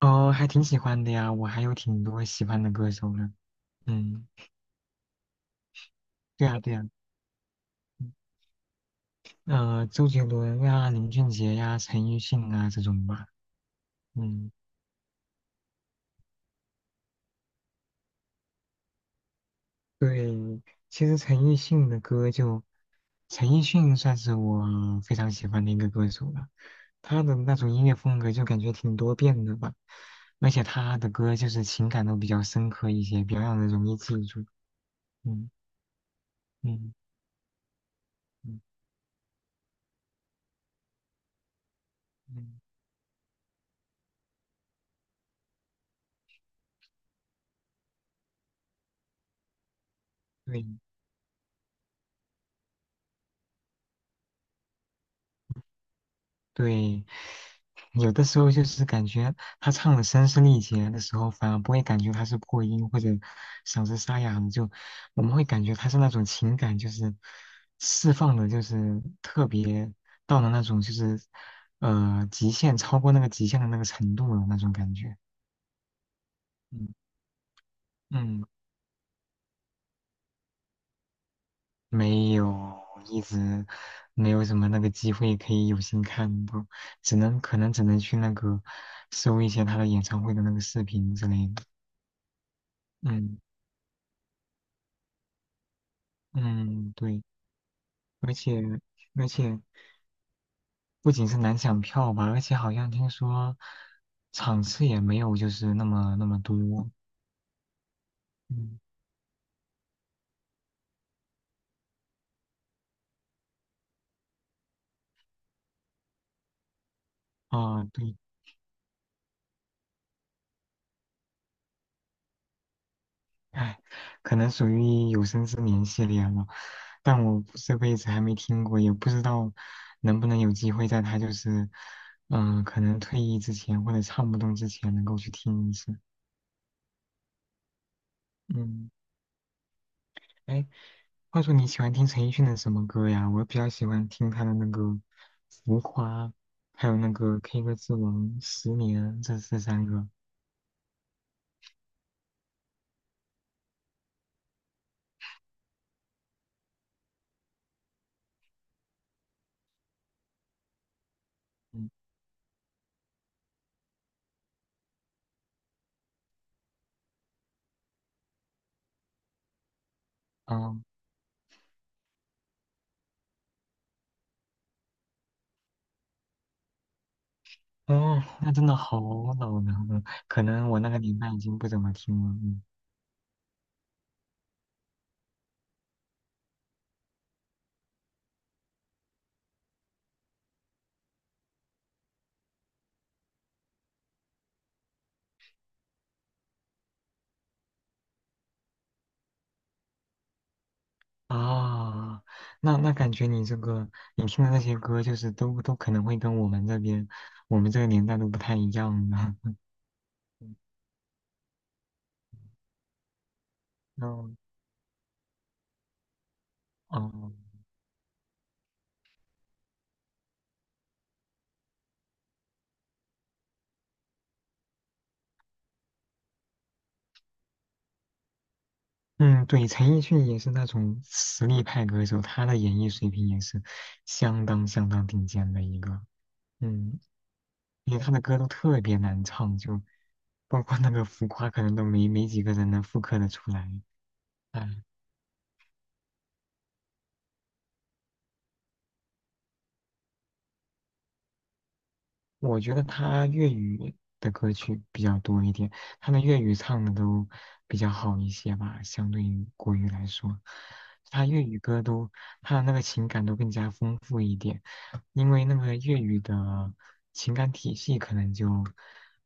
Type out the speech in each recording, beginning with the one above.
哦，还挺喜欢的呀，我还有挺多喜欢的歌手呢。嗯，对呀对呀，周杰伦呀、林俊杰呀、陈奕迅啊这种吧。嗯，对，其实陈奕迅的歌就，陈奕迅算是我非常喜欢的一个歌手了。他的那种音乐风格就感觉挺多变的吧，而且他的歌就是情感都比较深刻一些，比较让人容易记住。嗯嗯嗯嗯，对。对，有的时候就是感觉他唱的声嘶力竭的时候，反而不会感觉他是破音或者嗓子沙哑了，就我们会感觉他是那种情感就是释放的，就是特别到了那种就是极限，超过那个极限的那个程度了那种感觉。嗯，嗯，没有，一直没有什么那个机会可以有幸看到，只能只能去那个搜一些他的演唱会的那个视频之类的。嗯嗯，对，而且而且不仅是难抢票吧，而且好像听说场次也没有就是那么多。嗯，啊，对，哎，可能属于有生之年系列了，但我这辈子还没听过，也不知道能不能有机会在他就是可能退役之前或者唱不动之前能够去听一次。嗯，哎，话说你喜欢听陈奕迅的什么歌呀？我比较喜欢听他的那个《浮夸》，还有那个《K 歌之王》《十年》这三个。嗯，啊，哦，那真的好老呢。嗯，可能我那个年代已经不怎么听了。嗯，啊、那那感觉你这个你听的那些歌，就是都可能会跟我们这边我们这个年代都不太一样呢。嗯，哦，哦嗯，对，陈奕迅也是那种实力派歌手，他的演绎水平也是相当顶尖的一个。嗯，因为他的歌都特别难唱，就包括那个浮夸，可能都没几个人能复刻的出来。哎，我觉得他粤语的歌曲比较多一点，他的粤语唱的都比较好一些吧，相对于国语来说，他粤语歌都他的那个情感都更加丰富一点。因为那个粤语的情感体系可能就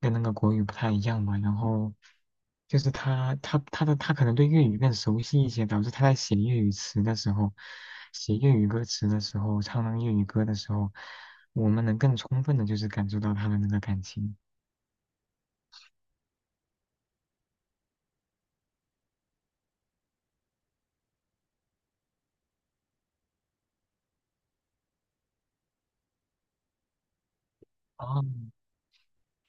跟那个国语不太一样吧。然后就是他可能对粤语更熟悉一些，导致他在写粤语词的时候，写粤语歌词的时候，唱那个粤语歌的时候，我们能更充分的就是感受到他的那个感情。哦，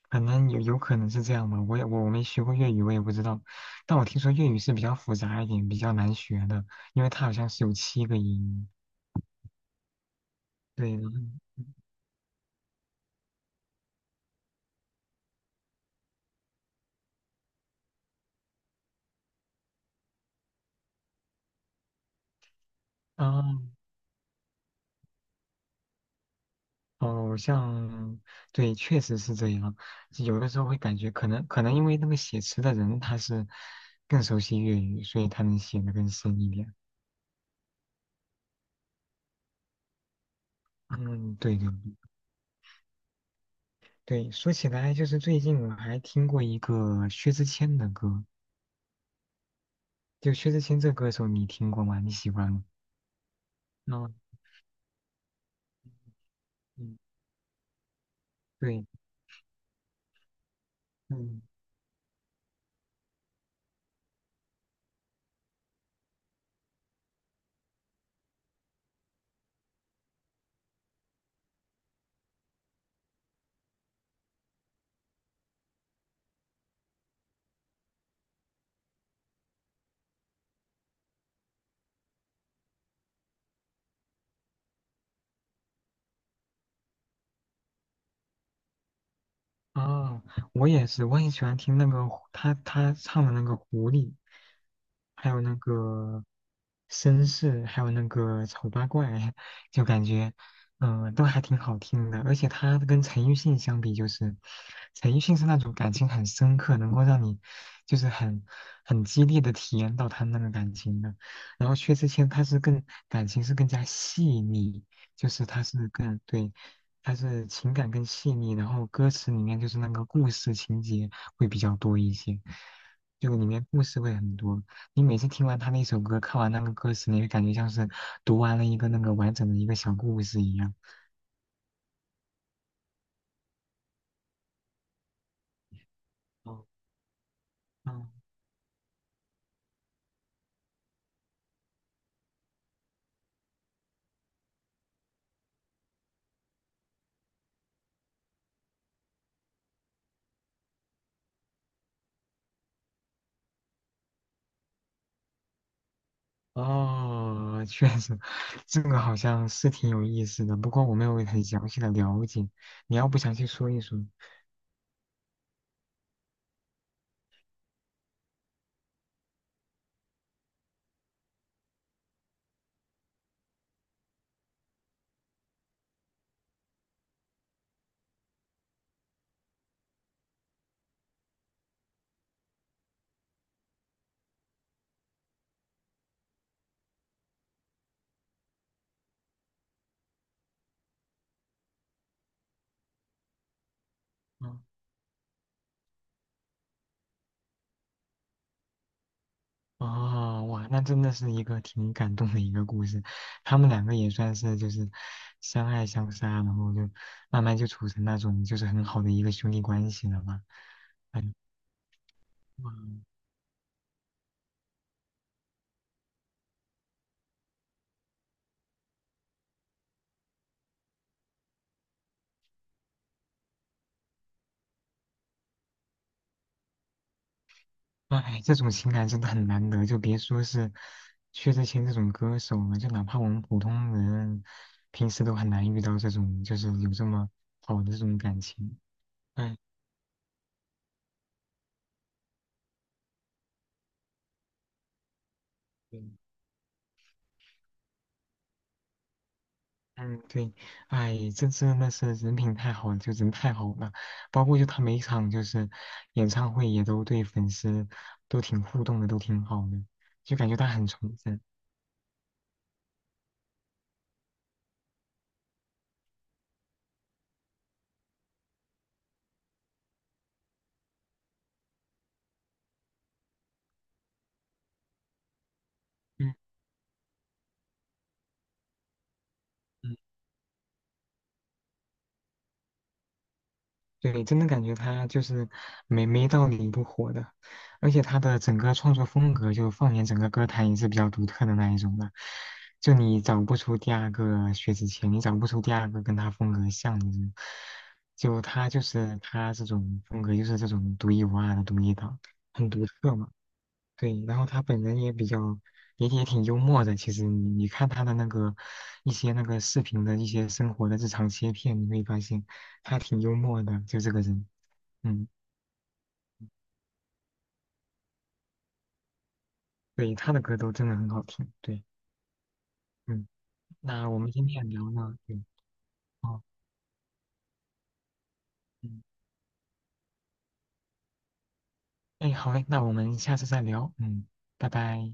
可能有可能是这样吧，我也没学过粤语，我也不知道。但我听说粤语是比较复杂一点，比较难学的，因为它好像是有七个音。对，然后啊。哦，像，对，确实是这样。有的时候会感觉，可能因为那个写词的人他是更熟悉粤语，所以他能写的更深一点。嗯，对对对。说起来，就是最近我还听过一个薛之谦的歌，就薛之谦这歌手你听过吗？你喜欢吗？嗯嗯，对，嗯。啊，我也是，我也喜欢听那个狐他唱的那个狐狸，还有那个绅士，还有那个丑八怪，就感觉都还挺好听的。而且他跟陈奕迅相比，就是陈奕迅是那种感情很深刻，能够让你就是很很激烈的体验到他那个感情的。然后薛之谦他是更感情是更加细腻，就是他是更对。它是情感更细腻，然后歌词里面就是那个故事情节会比较多一些，就里面故事会很多。你每次听完他那首歌，看完那个歌词，你会感觉像是读完了一个那个完整的一个小故事一样。哦，嗯，哦，确实，这个好像是挺有意思的，不过我没有很详细的了解，你要不详细说一说？哦，哇，那真的是一个挺感动的一个故事。他们两个也算是就是相爱相杀，然后就慢慢就处成那种就是很好的一个兄弟关系了嘛。哎，哇，哎，这种情感真的很难得，就别说是薛之谦这种歌手了，就哪怕我们普通人平时都很难遇到这种就是有这么好的这种感情。哎，对嗯，对，哎，这真的是人品太好了，就人太好了。包括就他每一场就是演唱会也都对粉丝都挺互动的，都挺好的，就感觉他很从真。嗯对，真的感觉他就是没道理不火的，而且他的整个创作风格，就放眼整个歌坛也是比较独特的那一种的，就你找不出第二个薛之谦，你找不出第二个跟他风格像的人，就他就是他这种风格，就是这种独一无二的独一档，很独特嘛。对，然后他本人也比较，也也挺幽默的。其实你看他的那个一些那个视频的一些生活的日常切片，你会发现他挺幽默的，就这个人。嗯，对，他的歌都真的很好听。对，嗯，那我们今天也聊了，对，哦，嗯，哎，好嘞，那我们下次再聊。嗯，拜拜。